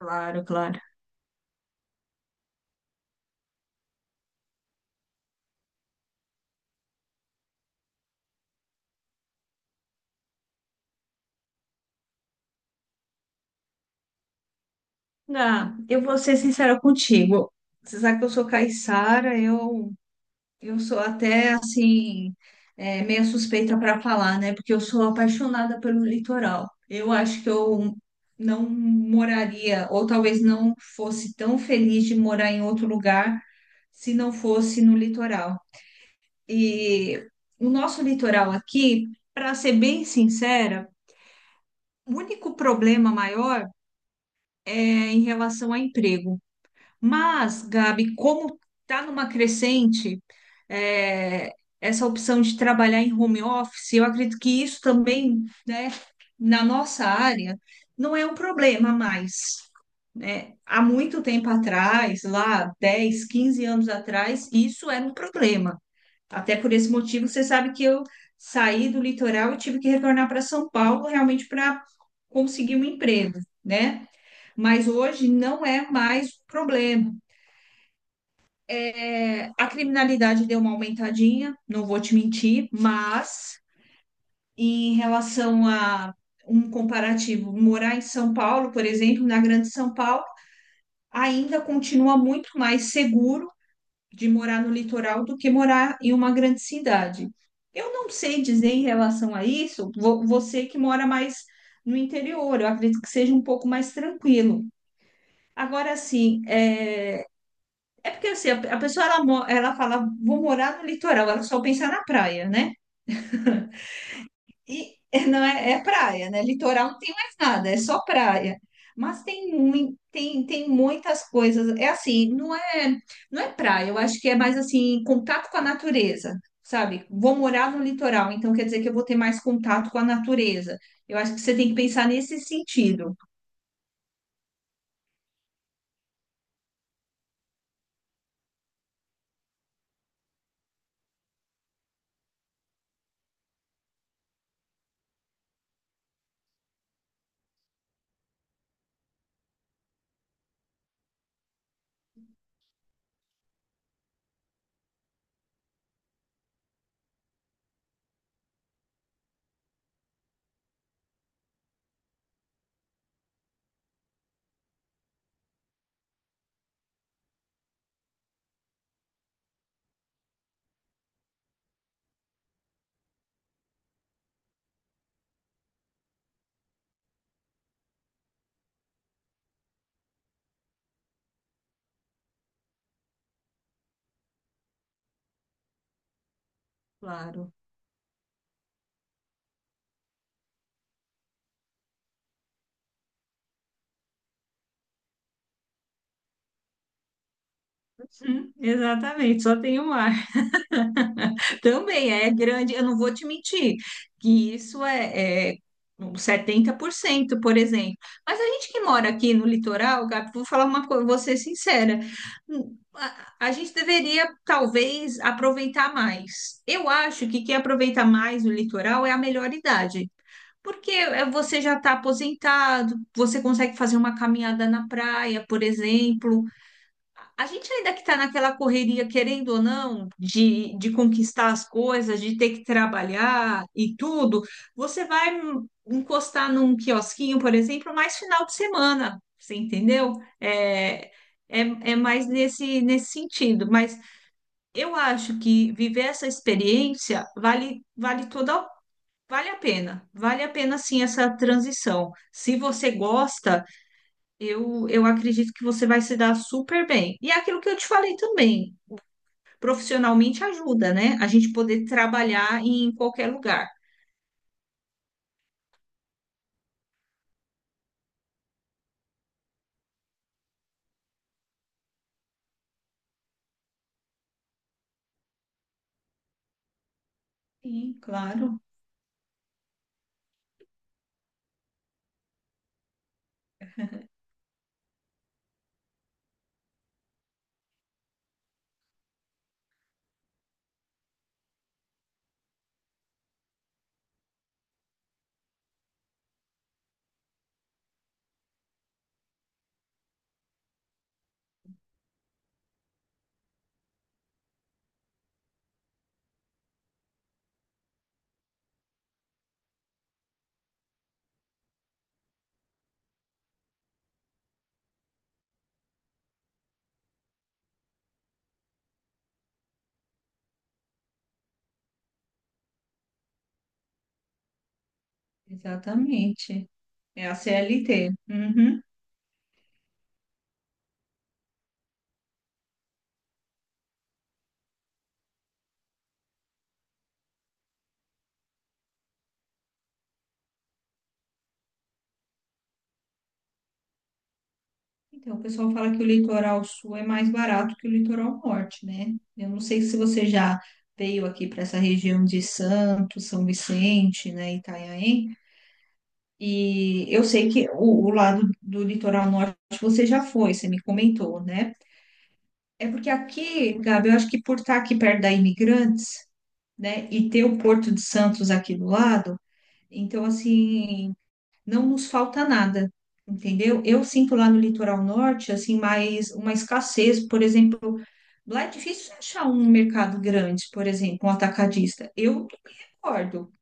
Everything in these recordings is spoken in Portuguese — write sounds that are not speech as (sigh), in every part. Claro, claro. Gá, eu vou ser sincera contigo. Você sabe que eu sou caiçara, eu sou até assim, meio suspeita para falar, né? Porque eu sou apaixonada pelo litoral. Eu acho que eu não moraria, ou talvez não fosse tão feliz de morar em outro lugar se não fosse no litoral. E o nosso litoral aqui, para ser bem sincera, o único problema maior é em relação a emprego. Mas, Gabi, como está numa crescente, é, essa opção de trabalhar em home office, eu acredito que isso também, né, na nossa área, não é um problema mais. Né? Há muito tempo atrás, lá 10, 15 anos atrás, isso era um problema. Até por esse motivo, você sabe que eu saí do litoral e tive que retornar para São Paulo realmente para conseguir um emprego, né? Mas hoje não é mais um problema. É, a criminalidade deu uma aumentadinha, não vou te mentir, mas em relação a um comparativo, morar em São Paulo, por exemplo, na Grande São Paulo, ainda continua muito mais seguro de morar no litoral do que morar em uma grande cidade. Eu não sei dizer em relação a isso, você que mora mais no interior, eu acredito que seja um pouco mais tranquilo. Agora, sim, é porque assim, a pessoa ela, ela fala, vou morar no litoral, ela só pensa na praia, né? E (laughs) não é, é praia, né? Litoral não tem mais nada, é só praia. Mas tem, tem, tem muitas coisas. É assim, não é praia, eu acho que é mais assim, contato com a natureza, sabe? Vou morar no litoral, então quer dizer que eu vou ter mais contato com a natureza. Eu acho que você tem que pensar nesse sentido. Claro. Exatamente, só tem o mar. Também é grande, eu não vou te mentir, que é uns 70% por exemplo. Mas a gente que mora aqui no litoral, Gabi, vou falar uma coisa, vou ser sincera, a gente deveria talvez aproveitar mais. Eu acho que quem aproveita mais o litoral é a melhor idade. Porque é, você já está aposentado, você consegue fazer uma caminhada na praia, por exemplo, a gente ainda que está naquela correria, querendo ou não, de conquistar as coisas, de ter que trabalhar e tudo, você vai encostar num quiosquinho, por exemplo, mais final de semana, você entendeu? É, é mais nesse, nesse sentido. Mas eu acho que viver essa experiência vale toda, vale a pena. Vale a pena sim essa transição. Se você gosta. Eu acredito que você vai se dar super bem. E é aquilo que eu te falei também, profissionalmente ajuda, né? A gente poder trabalhar em qualquer lugar. Sim, claro, exatamente. É a CLT. Uhum. Então, o pessoal fala que o litoral sul é mais barato que o litoral norte, né? Eu não sei se você já veio aqui para essa região de Santos, São Vicente, né, Itanhaém, e eu sei que o lado do litoral norte você já foi, você me comentou, né? É porque aqui, Gabi, eu acho que por estar aqui perto da Imigrantes, né, e ter o Porto de Santos aqui do lado, então, assim, não nos falta nada, entendeu? Eu sinto lá no litoral norte, assim, mais uma escassez, por exemplo, lá é difícil achar um mercado grande, por exemplo, um atacadista. Eu não me recordo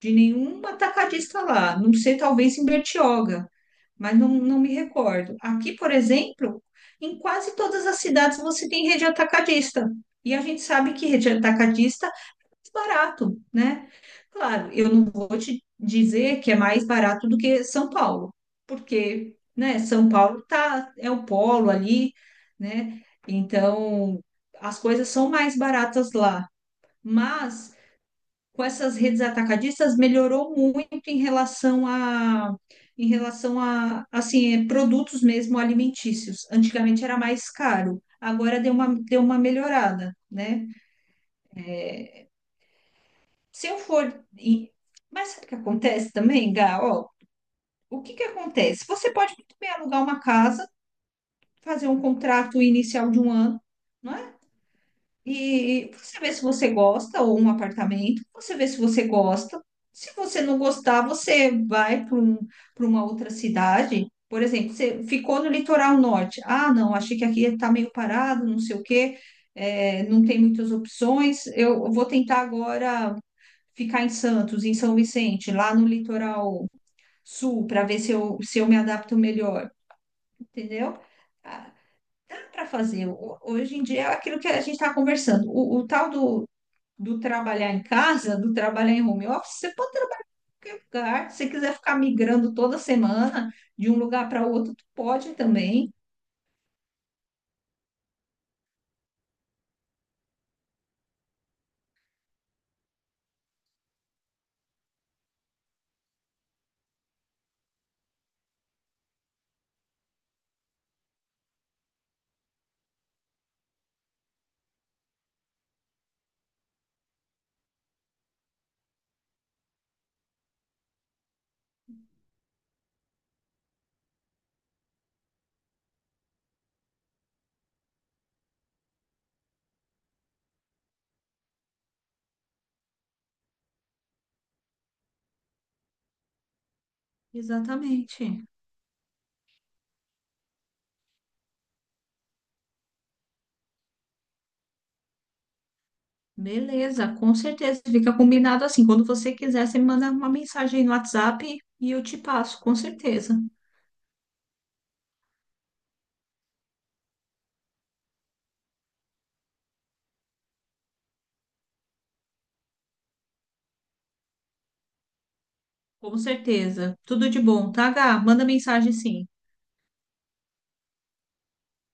de nenhum atacadista lá, não sei, talvez em Bertioga, mas não, não me recordo. Aqui, por exemplo, em quase todas as cidades você tem rede atacadista. E a gente sabe que rede atacadista é barato, né? Claro, eu não vou te dizer que é mais barato do que São Paulo, porque, né, São Paulo tá, é o polo ali, né? Então, as coisas são mais baratas lá. Mas com essas redes atacadistas melhorou muito em relação a assim é, produtos mesmo alimentícios. Antigamente era mais caro, agora deu uma melhorada, né? Se eu for e- mas sabe o que acontece também, Gá? Ó, o que que acontece? Você pode muito bem alugar uma casa, fazer um contrato inicial de um ano, não é? E você vê se você gosta, ou um apartamento, você vê se você gosta. Se você não gostar, você vai para para uma outra cidade. Por exemplo, você ficou no litoral norte. Ah, não, achei que aqui está meio parado, não sei o quê, é, não tem muitas opções. Eu vou tentar agora ficar em Santos, em São Vicente, lá no litoral sul, para ver se eu me adapto melhor, entendeu? Ah, dá para fazer. Hoje em dia é aquilo que a gente está conversando. O tal do, do trabalhar em casa, do trabalhar em home office, você pode trabalhar em qualquer lugar. Se você quiser ficar migrando toda semana de um lugar para outro, tu pode também. Exatamente. Beleza, com certeza. Fica combinado assim. Quando você quiser, você me manda uma mensagem aí no WhatsApp e eu te passo, com certeza. Com certeza. Tudo de bom, tá, Gá? Manda mensagem sim.